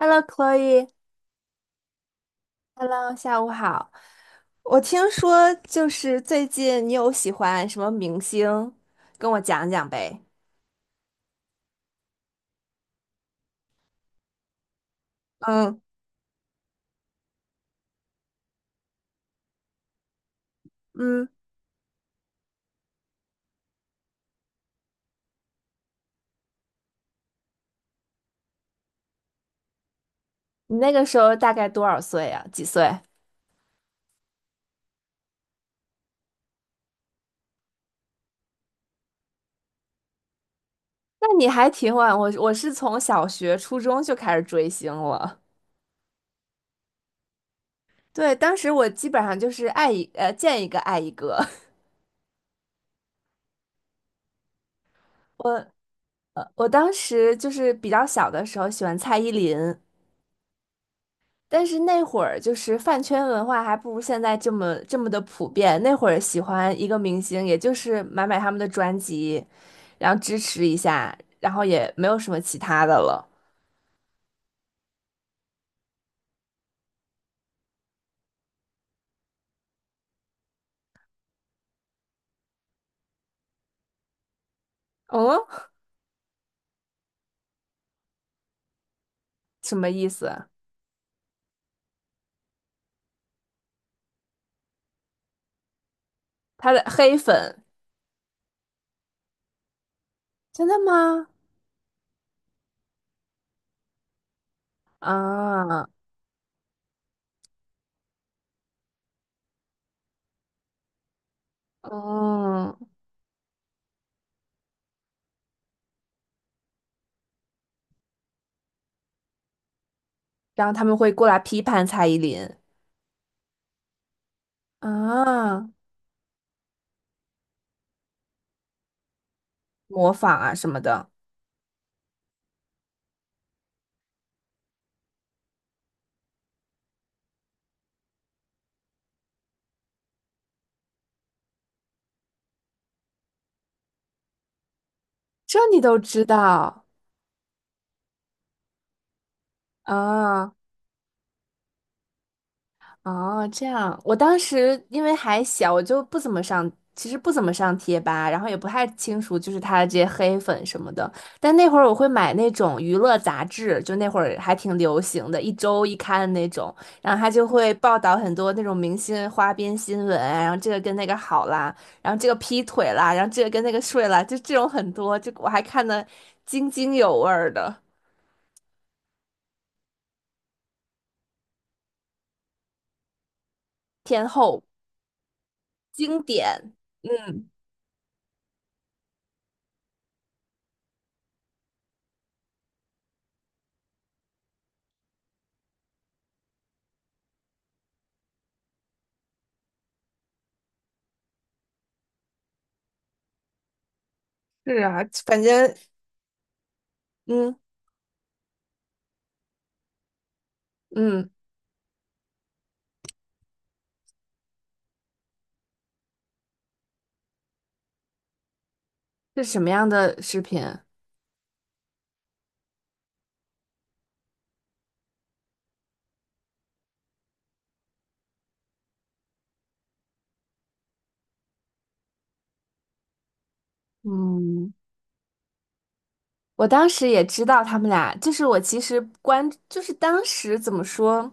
Hello, Chloe,Hello,下午好。我听说就是最近你有喜欢什么明星，跟我讲讲呗。嗯嗯，你那个时候大概多少岁呀？几岁？那你还挺晚，我是从小学、初中就开始追星了。对，当时我基本上就是见一个爱一个。我我当时就是比较小的时候喜欢蔡依林，但是那会儿就是饭圈文化还不如现在这么的普遍。那会儿喜欢一个明星，也就是买他们的专辑，然后支持一下，然后也没有什么其他的了。哦，什么意思？他的黑粉，真的吗？啊，嗯，然后他们会过来批判蔡依林啊，模仿啊什么的，这你都知道啊？哦，这样，我当时因为还小，我就不怎么上，其实不怎么上贴吧，然后也不太清楚就是他的这些黑粉什么的。但那会儿我会买那种娱乐杂志，就那会儿还挺流行的，一周一刊的那种，然后他就会报道很多那种明星花边新闻啊然后这个跟那个好啦，然后这个劈腿啦，然后这个跟那个睡啦，就这种很多，就我还看的津津有味儿的天后经典，嗯。是啊，反正。嗯嗯。是什么样的视频？嗯，我当时也知道他们俩，就是我其实关，就是当时怎么说，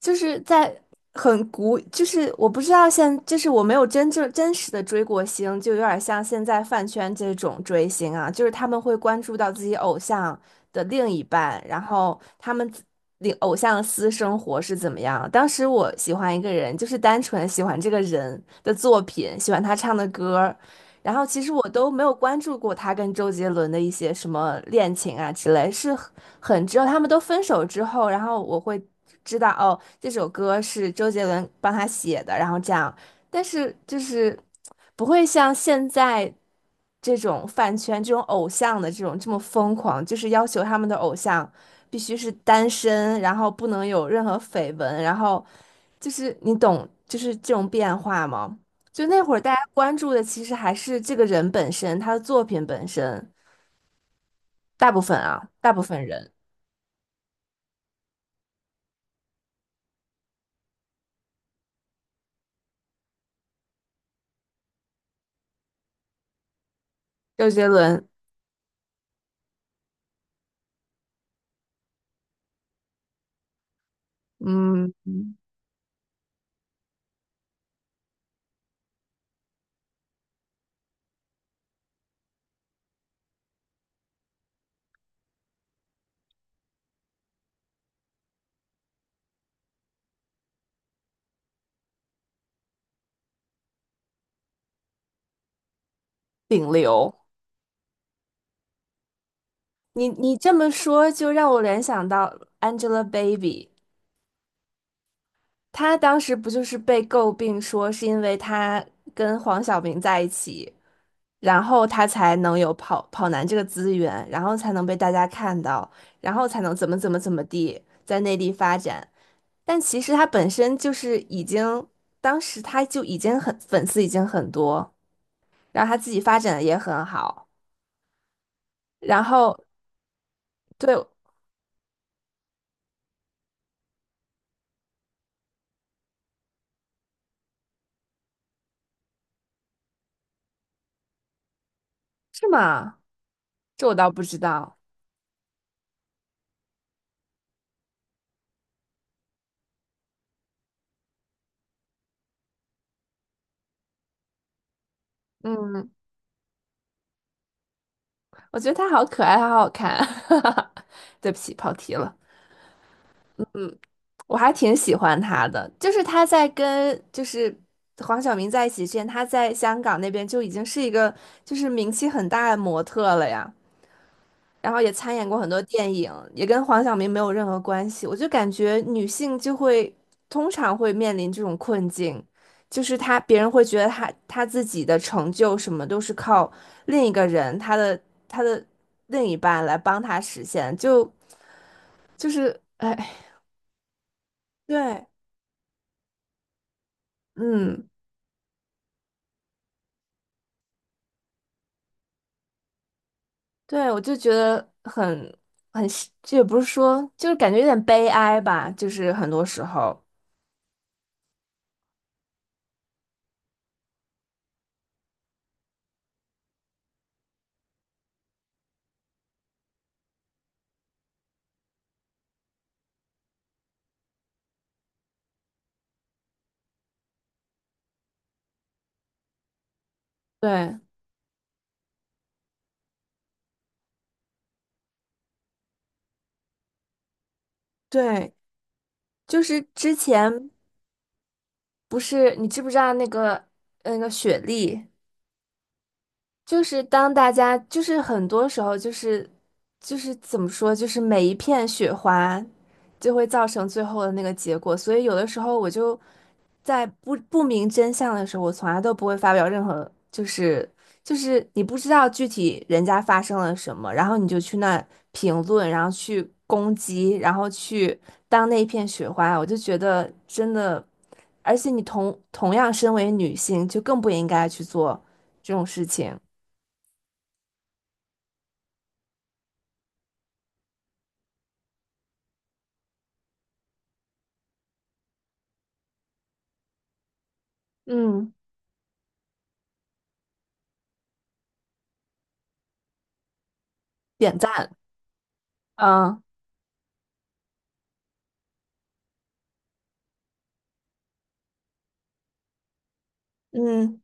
就是在很古，就是我不知道现，就是我没有真正真实的追过星，就有点像现在饭圈这种追星啊，就是他们会关注到自己偶像的另一半，然后他们自。领偶像的私生活是怎么样？当时我喜欢一个人，就是单纯喜欢这个人的作品，喜欢他唱的歌，然后其实我都没有关注过他跟周杰伦的一些什么恋情啊之类，是很只有他们都分手之后，然后我会知道哦，这首歌是周杰伦帮他写的，然后这样，但是就是不会像现在这种饭圈、这种偶像的这种这么疯狂，就是要求他们的偶像必须是单身，然后不能有任何绯闻，然后就是你懂，就是这种变化吗？就那会儿大家关注的其实还是这个人本身，他的作品本身，大部分啊，大部分人，周杰伦，嗯，顶流。你这么说，就让我联想到 Angelababy,她当时不就是被诟病说是因为她跟黄晓明在一起，然后她才能有跑男这个资源，然后才能被大家看到，然后才能怎么怎么怎么地在内地发展。但其实他本身就是已经，当时他就已经很粉丝已经很多，然后他自己发展的也很好，然后对，是吗？这我倒不知道。嗯，我觉得他好可爱，他好好看。对不起，跑题了。我还挺喜欢他的，就是他在跟就是黄晓明在一起之前，他在香港那边就已经是一个就是名气很大的模特了呀。然后也参演过很多电影，也跟黄晓明没有任何关系。我就感觉女性就会通常会面临这种困境，就是她别人会觉得她自己的成就什么都是靠另一个人，她的另一半来帮她实现，就就是哎，对，嗯，对，我就觉得很，这也不是说，就是感觉有点悲哀吧，就是很多时候，对对。就是之前，不是，你知不知道那个那个雪莉？就是当大家，就是很多时候，就是就是怎么说，就是每一片雪花就会造成最后的那个结果。所以有的时候我就在不明真相的时候，我从来都不会发表任何，就是就是你不知道具体人家发生了什么，然后你就去那评论，然后去攻击，然后去当那一片雪花，我就觉得真的，而且你同样身为女性，就更不应该去做这种事情。嗯点赞，啊，嗯，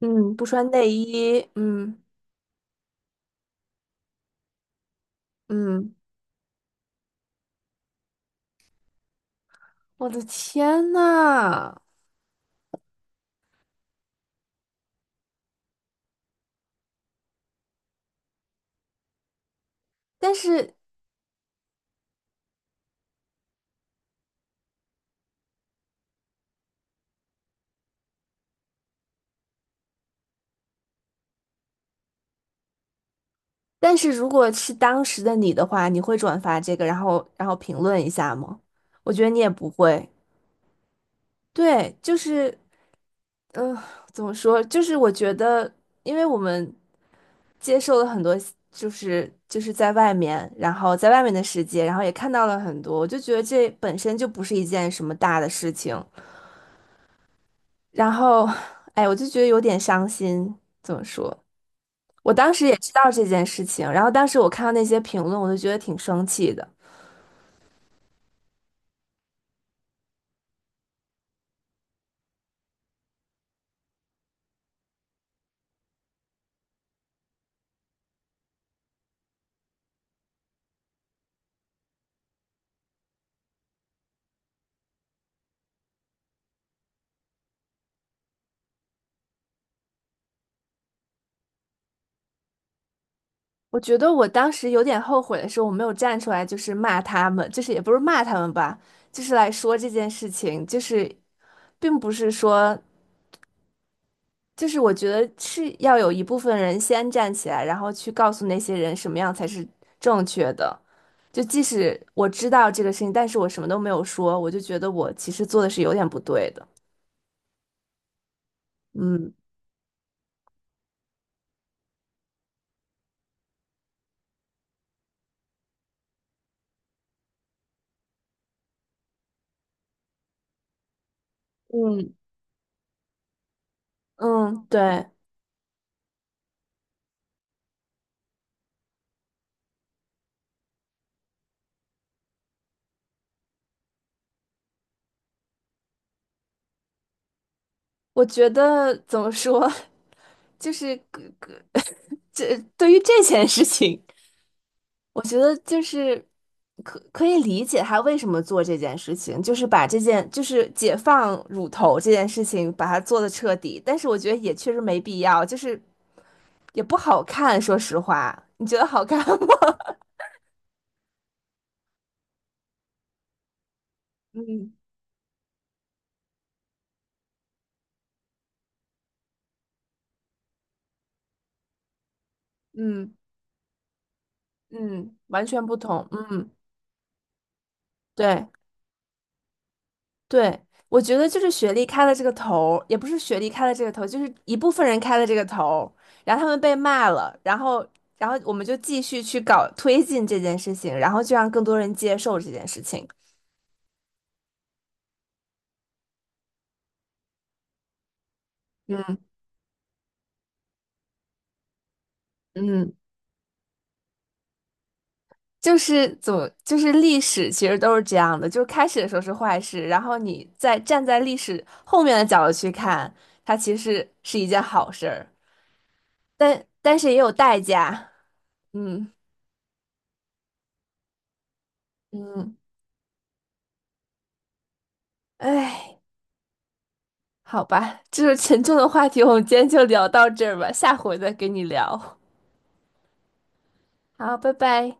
嗯，不穿内衣，嗯嗯，我的天呐！但是但是，如果是当时的你的话，你会转发这个，然后然后评论一下吗？我觉得你也不会。对，就是嗯、呃怎么说？就是我觉得，因为我们接受了很多，就是就是在外面，然后在外面的世界，然后也看到了很多，我就觉得这本身就不是一件什么大的事情。然后，哎，我就觉得有点伤心。怎么说？我当时也知道这件事情，然后当时我看到那些评论，我就觉得挺生气的。我觉得我当时有点后悔的是，我没有站出来，就是骂他们，就是也不是骂他们吧，就是来说这件事情，就是并不是说。就是我觉得是要有一部分人先站起来，然后去告诉那些人什么样才是正确的。就即使我知道这个事情，但是我什么都没有说，我就觉得我其实做的是有点不对的。嗯，嗯，嗯，对，我觉得怎么说，就是 这对于这件事情，我觉得就是可以理解他为什么做这件事情，就是把这件就是解放乳头这件事情把它做的彻底，但是我觉得也确实没必要，就是也不好看，说实话，你觉得好看吗？嗯，嗯嗯，完全不同，嗯，对。对，我觉得就是学历开了这个头儿也不是学历开了这个头儿就是一部分人开了这个头儿然后他们被骂了，然后，然后我们就继续去搞推进这件事情，然后就让更多人接受这件事情。嗯，嗯，就是怎么，就是历史其实都是这样的，就是开始的时候是坏事，然后你再站在历史后面的角度去看，它其实是一件好事儿，但是也有代价。嗯，嗯，哎。好吧，这是沉重的话题，我们今天就聊到这儿吧，下回再跟你聊。好，拜拜。